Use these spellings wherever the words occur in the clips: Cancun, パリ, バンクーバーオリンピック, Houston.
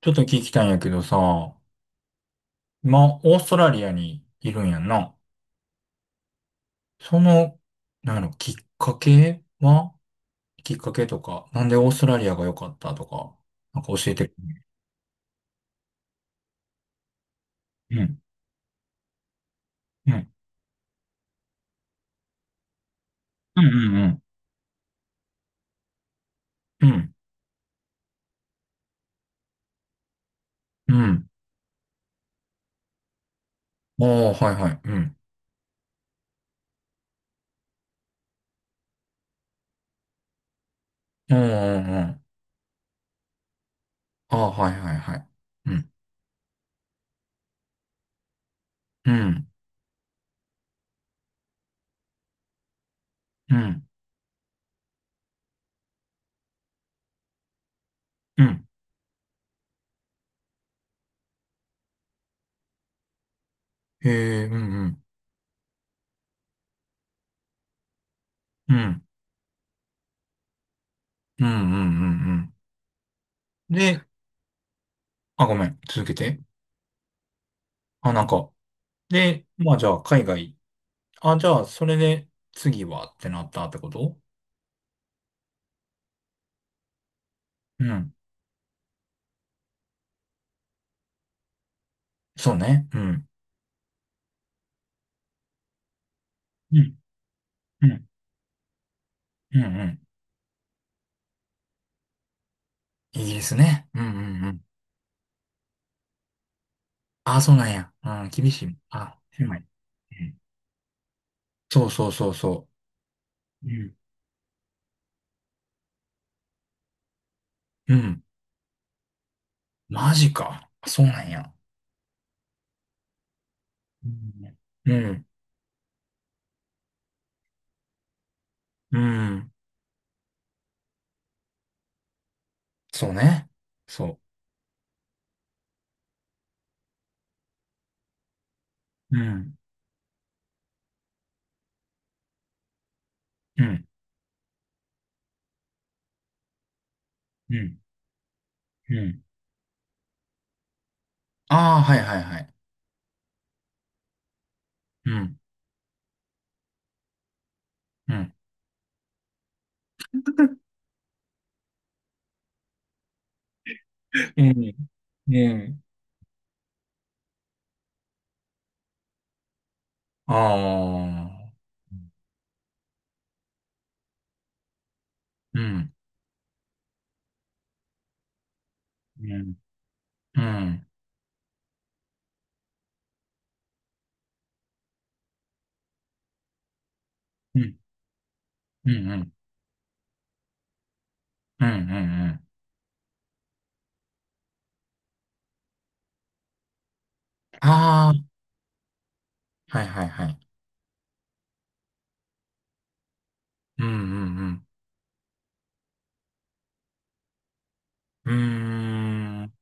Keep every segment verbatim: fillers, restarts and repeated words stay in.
ちょっと聞きたいんやけどさ、今、オーストラリアにいるんやんな。その、なんやろ、きっかけはきっかけとか、なんでオーストラリアが良かったとか、なんか教えて。うん、うん、うん、うん、うん、うん。ああー、はいはい、うん。うん、うん、うん。ああ、はいはいはい。うん、うん、うん、うん。へえ、うん、うん、うん、うん、うん、うん。うん。で、あ、ごめん、続けて。あ、なんか、で、まあじゃあ、海外、あ、じゃあ、それで次はってなったってこと。うん。そうね。うん。うん。うん。うん。うん。イギリスね。うんうんうん。あ、そうなんや。うん、厳しい。あ、狭い。うん。そうそうそうそう。うん。うん。マジか。あ、そうなんや。うん。うん。うん。そうね。そう。うん。うん。うん。うん。ああ、はいはいはい。うん。うん。うん。うん。ああ。うん。うん。うん。うん、うん、うん、うん、うん。うん。ああ、はいはいはい。うん、うん、うん。うーん。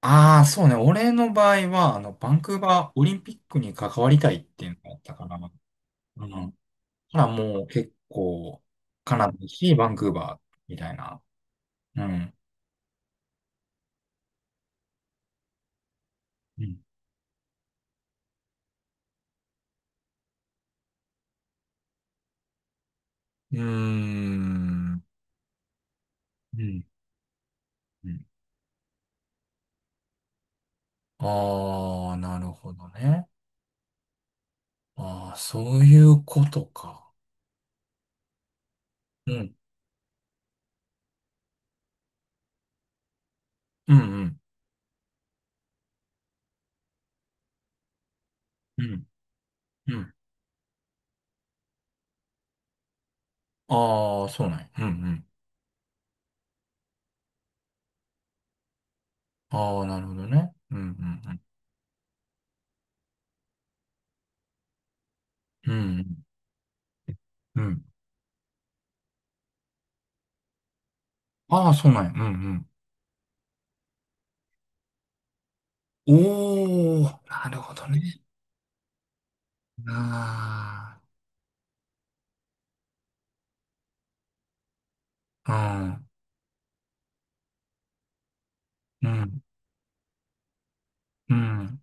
ああ、そうね。俺の場合は、あの、バンクーバーオリンピックに関わりたいっていうのがあったから、うん。ほら、もう結構、カナダだし、バンクーバーみたいな。うん。うん。うーん。うん。うん。ああ、なるほどね。ああ、そういうことか。うん。うんうん。うん。うん。ああ、そうなんや。うん。ああ、なるほどね。うんうんうん。うんうん。ああ、そうなんや。うんうん。おお、なるほどね。ああ、うん、うん、うん、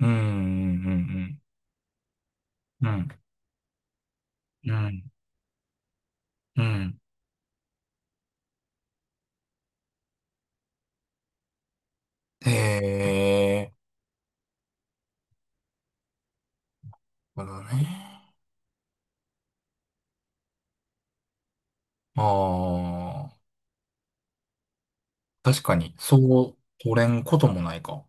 うん、うん、うん、うん、うん。へえ、なるほどね。ああ、確かに、そう取れんこともないか。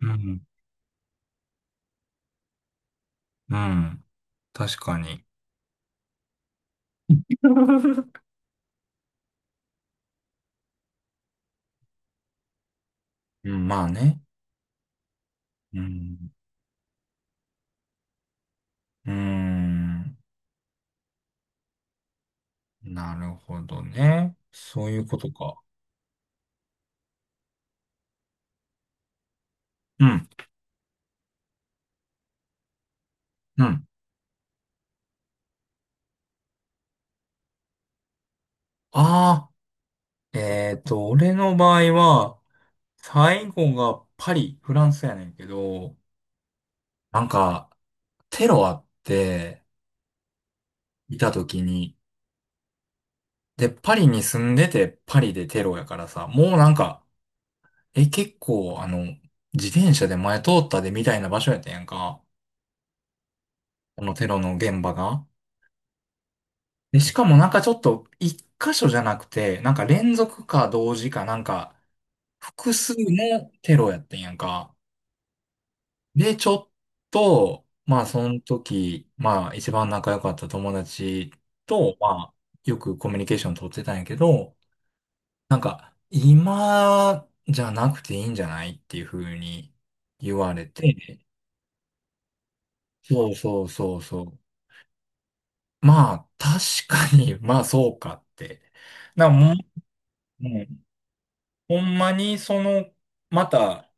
うん、うん、確かに。うん、まあね。うん、うん。なるほどね。そういうことか。うん、うん。ああ、えっと、俺の場合は、最後がパリ、フランスやねんけど、なんか、テロあって、いた時に、で、パリに住んでて、パリでテロやからさ、もうなんか、え、結構、あの、自転車で前通ったでみたいな場所やったやんか。このテロの現場が。で、しかもなんかちょっと、一箇所じゃなくて、なんか連続か同時かなんか、複数のテロやってんやんか。で、ちょっと、まあ、その時、まあ、一番仲良かった友達と、まあ、よくコミュニケーション取ってたんやけど、なんか、今じゃなくていいんじゃないっていう風に言われて、そうそうそうそう。まあ、確かに、まあ、そうかって。な、もう、うんほんまにその、また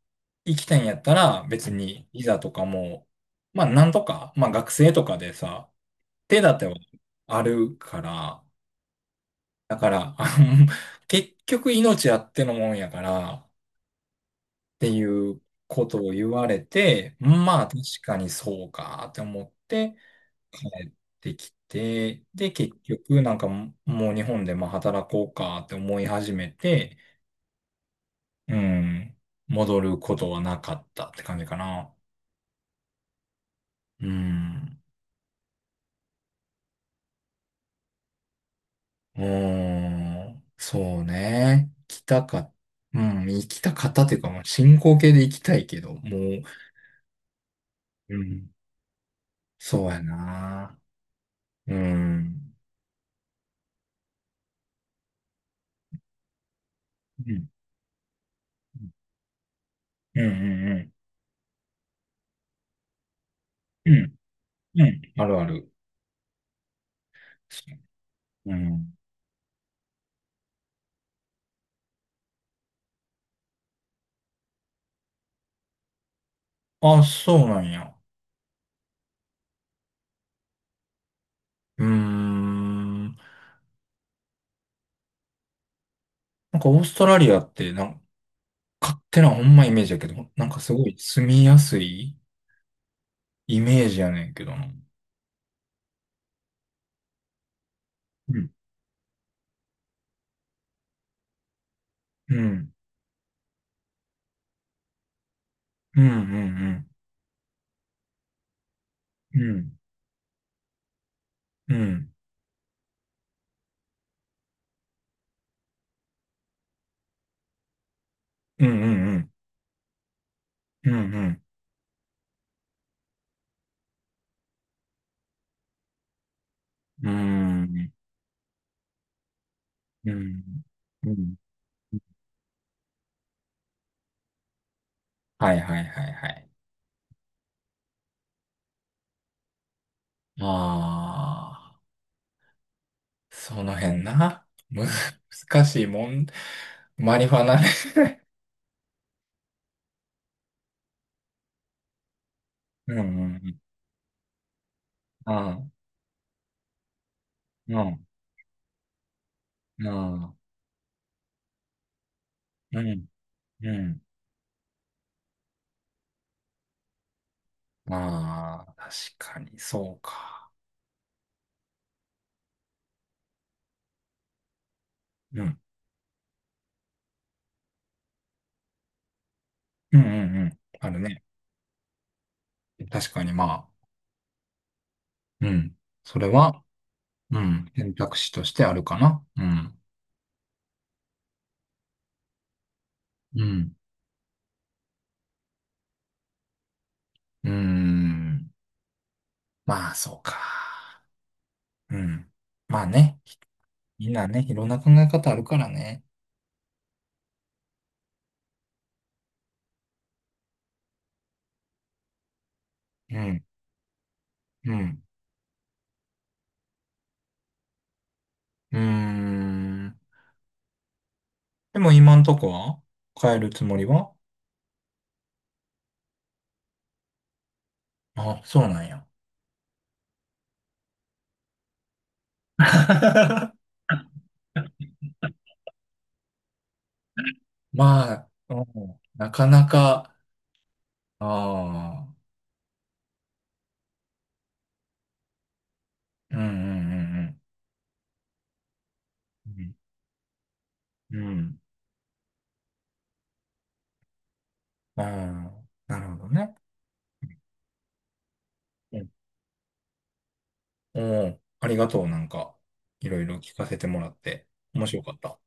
行きたいんやったら別にビザとかも、まあなんとか、まあ学生とかでさ、手立てはあるから、だから、あの結局命あってのもんやからっていうことを言われて、まあ確かにそうかって思って帰ってきて、で結局なんかもう日本でまあ働こうかって思い始めて、うん。戻ることはなかったって感じかな。うん。うーん。そうね。行きたか、うん。行きたかったっていうか、もう進行形で行きたいけど、もう、うん。そうやな。うん。うん。うんうんうん。うん。うん。あるある。うん。あ、そうなんや。うーん。なんかオーストラリアって、なんか勝手なほんまイメージだけど、なんかすごい住みやすいイメージやねんけどな。うん。うん。うん。うん。うん。うん。うん。うん。うん。うん。うん。うん。うん。はいはいはいはい。ああ、その辺な。む、難しいもん。マリファナね。うん。うん。うん。うん。うん。うん。うん。まあ、確かに、そうか。うん。うん。うん。うん。あるね。確かに、まあ。うん。それは、うん。選択肢としてあるかな。うん。うん。うーん。まあ、そうか。うん。まあね。みんなね、いろんな考え方あるからね。うん。うん。うーん。でも今んとこは変えるつもりは。あ、そうなんや。まあ、うんなかなか、ああ、うんうんうんうん。うん。うん。ああ、なるほどね。おお、ありがとう。なんか、いろいろ聞かせてもらって、面白かった。